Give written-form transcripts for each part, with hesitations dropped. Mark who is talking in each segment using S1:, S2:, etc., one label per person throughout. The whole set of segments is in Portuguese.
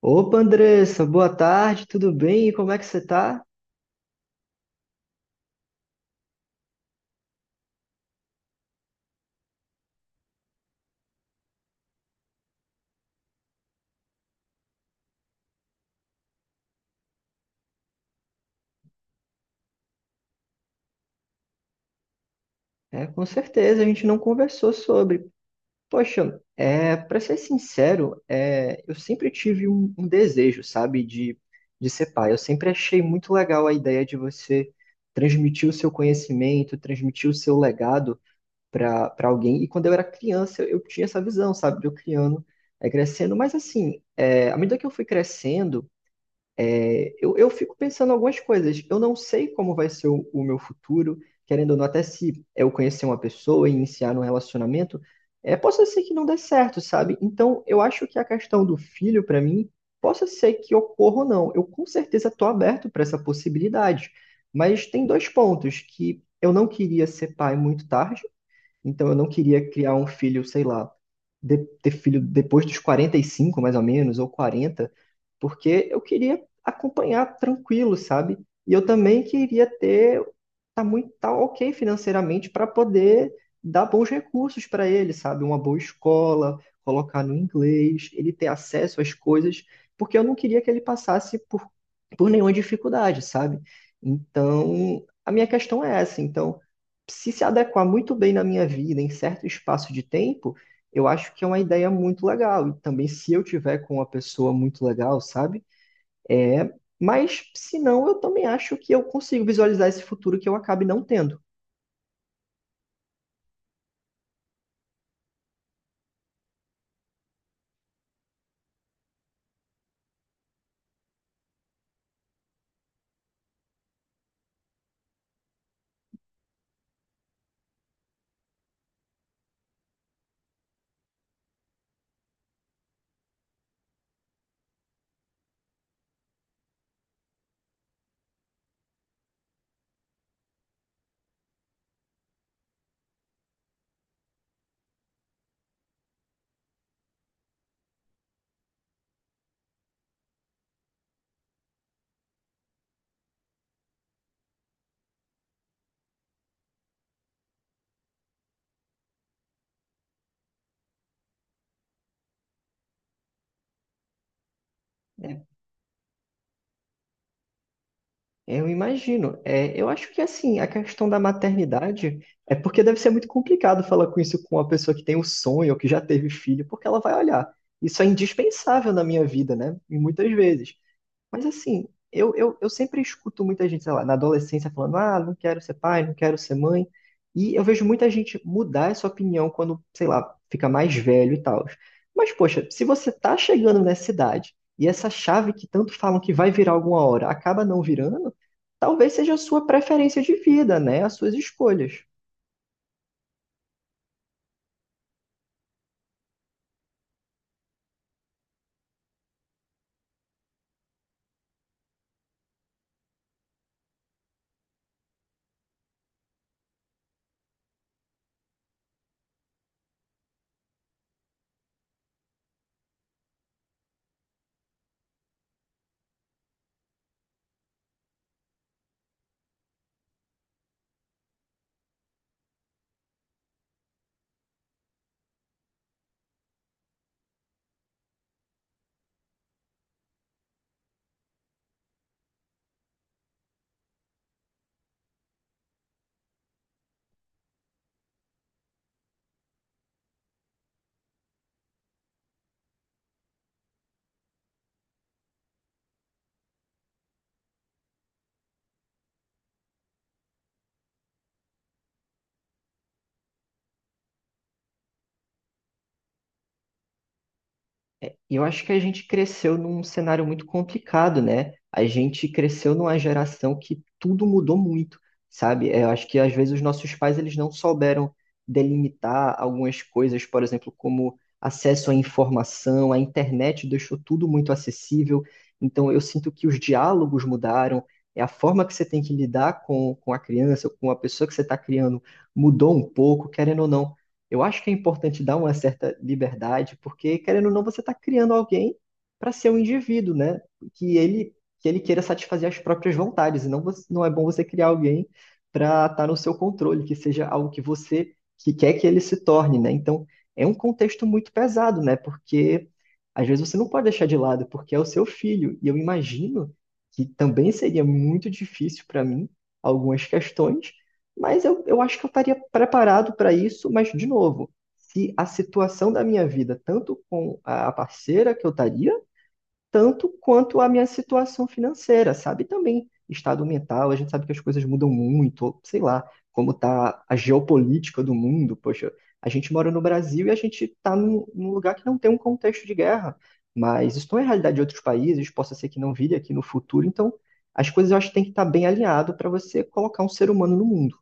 S1: Opa, Andressa, boa tarde, tudo bem? E como é que você tá? É, com certeza, a gente não conversou sobre. Poxa, para ser sincero, eu sempre tive um desejo, sabe, de ser pai. Eu sempre achei muito legal a ideia de você transmitir o seu conhecimento, transmitir o seu legado para alguém. E quando eu era criança, eu tinha essa visão, sabe, de eu criando, crescendo. Mas assim, à medida que eu fui crescendo, eu fico pensando algumas coisas. Eu não sei como vai ser o meu futuro, querendo ou não, até se eu conhecer uma pessoa e iniciar um relacionamento, possa ser que não dê certo, sabe? Então, eu acho que a questão do filho, para mim, possa ser que ocorra ou não. Eu com certeza estou aberto para essa possibilidade. Mas tem dois pontos: que eu não queria ser pai muito tarde, então eu não queria criar um filho, sei lá, ter filho depois dos 45, mais ou menos, ou 40, porque eu queria acompanhar tranquilo, sabe? E eu também queria ter, tá ok financeiramente para poder dar bons recursos para ele, sabe? Uma boa escola, colocar no inglês, ele ter acesso às coisas, porque eu não queria que ele passasse por nenhuma dificuldade, sabe? Então, a minha questão é essa. Então, se adequar muito bem na minha vida, em certo espaço de tempo, eu acho que é uma ideia muito legal. E também, se eu tiver com uma pessoa muito legal, sabe? É, mas, se não, eu também acho que eu consigo visualizar esse futuro que eu acabe não tendo. Né? Eu imagino. É, eu acho que, assim, a questão da maternidade é porque deve ser muito complicado falar com isso com uma pessoa que tem o sonho ou que já teve filho, porque ela vai olhar. Isso é indispensável na minha vida, né? E muitas vezes. Mas assim, eu sempre escuto muita gente, sei lá, na adolescência falando, ah, não quero ser pai, não quero ser mãe. E eu vejo muita gente mudar essa opinião quando, sei lá, fica mais velho e tal. Mas, poxa, se você tá chegando nessa idade e essa chave que tanto falam que vai virar alguma hora acaba não virando, talvez seja a sua preferência de vida, né? As suas escolhas. E eu acho que a gente cresceu num cenário muito complicado, né? A gente cresceu numa geração que tudo mudou muito, sabe? É, eu acho que às vezes os nossos pais eles não souberam delimitar algumas coisas, por exemplo, como acesso à informação, a internet deixou tudo muito acessível. Então eu sinto que os diálogos mudaram, é a forma que você tem que lidar com a criança, com a pessoa que você está criando mudou um pouco, querendo ou não. Eu acho que é importante dar uma certa liberdade, porque, querendo ou não, você está criando alguém para ser um indivíduo, né? Que ele, que ele queira satisfazer as próprias vontades, e não, não é bom você criar alguém para estar no seu controle, que seja algo que você que quer que ele se torne, né? Então, é um contexto muito pesado, né? Porque, às vezes, você não pode deixar de lado, porque é o seu filho, e eu imagino que também seria muito difícil para mim algumas questões, mas eu acho que eu estaria preparado para isso, mas de novo, se a situação da minha vida, tanto com a parceira que eu estaria, tanto quanto a minha situação financeira, sabe? Também estado mental, a gente sabe que as coisas mudam muito, ou sei lá, como está a geopolítica do mundo. Poxa, a gente mora no Brasil e a gente está num lugar que não tem um contexto de guerra, mas isso não é realidade de outros países, possa ser que não vire aqui no futuro, então as coisas eu acho que tem que estar bem alinhado para você colocar um ser humano no mundo.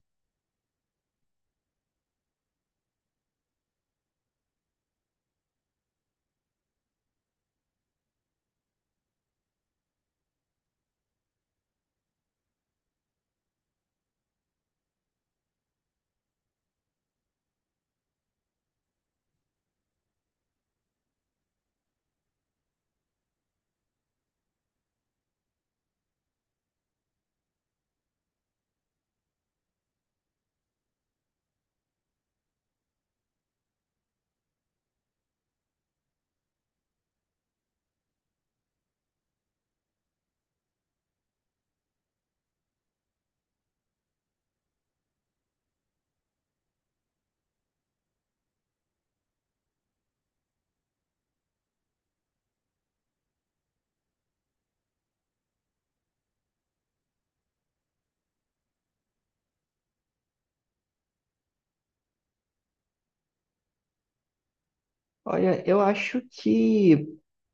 S1: Olha, eu acho que,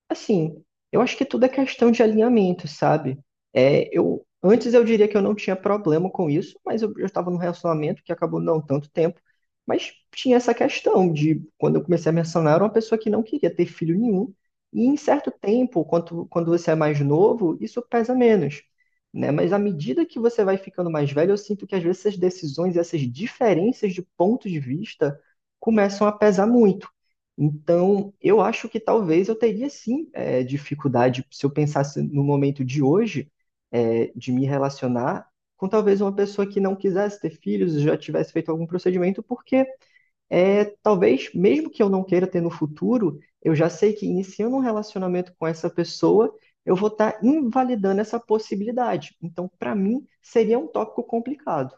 S1: assim, eu acho que tudo é questão de alinhamento, sabe? É, eu diria que eu não tinha problema com isso, mas eu estava num relacionamento que acabou não tanto tempo, mas tinha essa questão de quando eu comecei a mencionar, era uma pessoa que não queria ter filho nenhum, e em certo tempo, quando você é mais novo, isso pesa menos, né? Mas à medida que você vai ficando mais velho, eu sinto que às vezes essas decisões, essas diferenças de ponto de vista começam a pesar muito. Então, eu acho que talvez eu teria sim dificuldade, se eu pensasse no momento de hoje, de me relacionar com talvez uma pessoa que não quisesse ter filhos, já tivesse feito algum procedimento, porque talvez, mesmo que eu não queira ter no futuro, eu já sei que iniciando um relacionamento com essa pessoa, eu vou estar invalidando essa possibilidade. Então, para mim, seria um tópico complicado.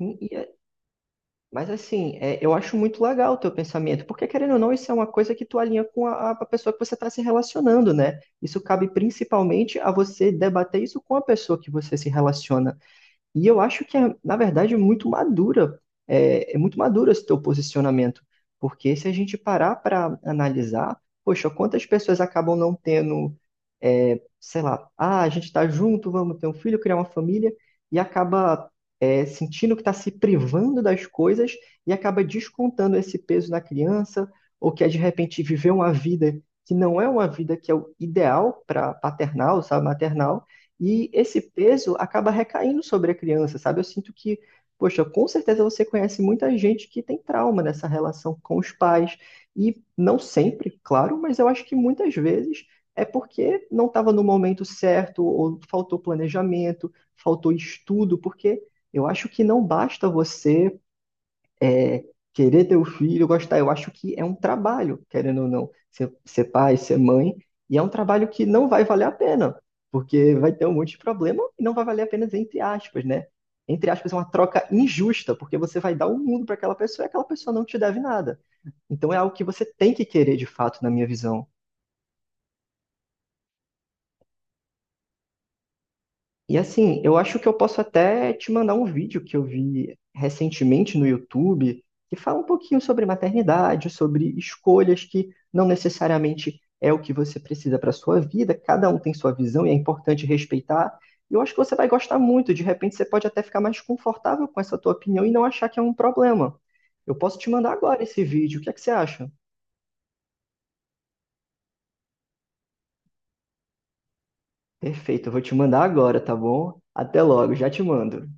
S1: E, Mas assim, eu acho muito legal o teu pensamento, porque querendo ou não, isso é uma coisa que tu alinha com a pessoa que você está se relacionando, né? Isso cabe principalmente a você debater isso com a pessoa que você se relaciona. E eu acho que é, na verdade, é muito madura, é muito maduro esse teu posicionamento, porque se a gente parar para analisar, poxa, quantas pessoas acabam não tendo, é, sei lá, ah, a gente está junto, vamos ter um filho, criar uma família, e acaba, sentindo que está se privando das coisas e acaba descontando esse peso na criança, ou que é, de repente viveu uma vida que não é uma vida que é o ideal para paternal, sabe, maternal, e esse peso acaba recaindo sobre a criança, sabe? Eu sinto que, poxa, com certeza você conhece muita gente que tem trauma nessa relação com os pais. E não sempre, claro, mas eu acho que muitas vezes é porque não estava no momento certo, ou faltou planejamento, faltou estudo, porque eu acho que não basta você é, querer ter o filho, gostar. Eu acho que é um trabalho, querendo ou não, ser pai, ser mãe, e é um trabalho que não vai valer a pena, porque vai ter um monte de problema e não vai valer a pena, entre aspas, né? Entre aspas, é uma troca injusta, porque você vai dar o mundo para aquela pessoa e aquela pessoa não te deve nada. Então é algo que você tem que querer de fato, na minha visão. E assim, eu acho que eu posso até te mandar um vídeo que eu vi recentemente no YouTube, que fala um pouquinho sobre maternidade, sobre escolhas que não necessariamente é o que você precisa para sua vida, cada um tem sua visão e é importante respeitar. E eu acho que você vai gostar muito, de repente você pode até ficar mais confortável com essa tua opinião e não achar que é um problema. Eu posso te mandar agora esse vídeo, o que é que você acha? Perfeito, eu vou te mandar agora, tá bom? Até logo, já te mando.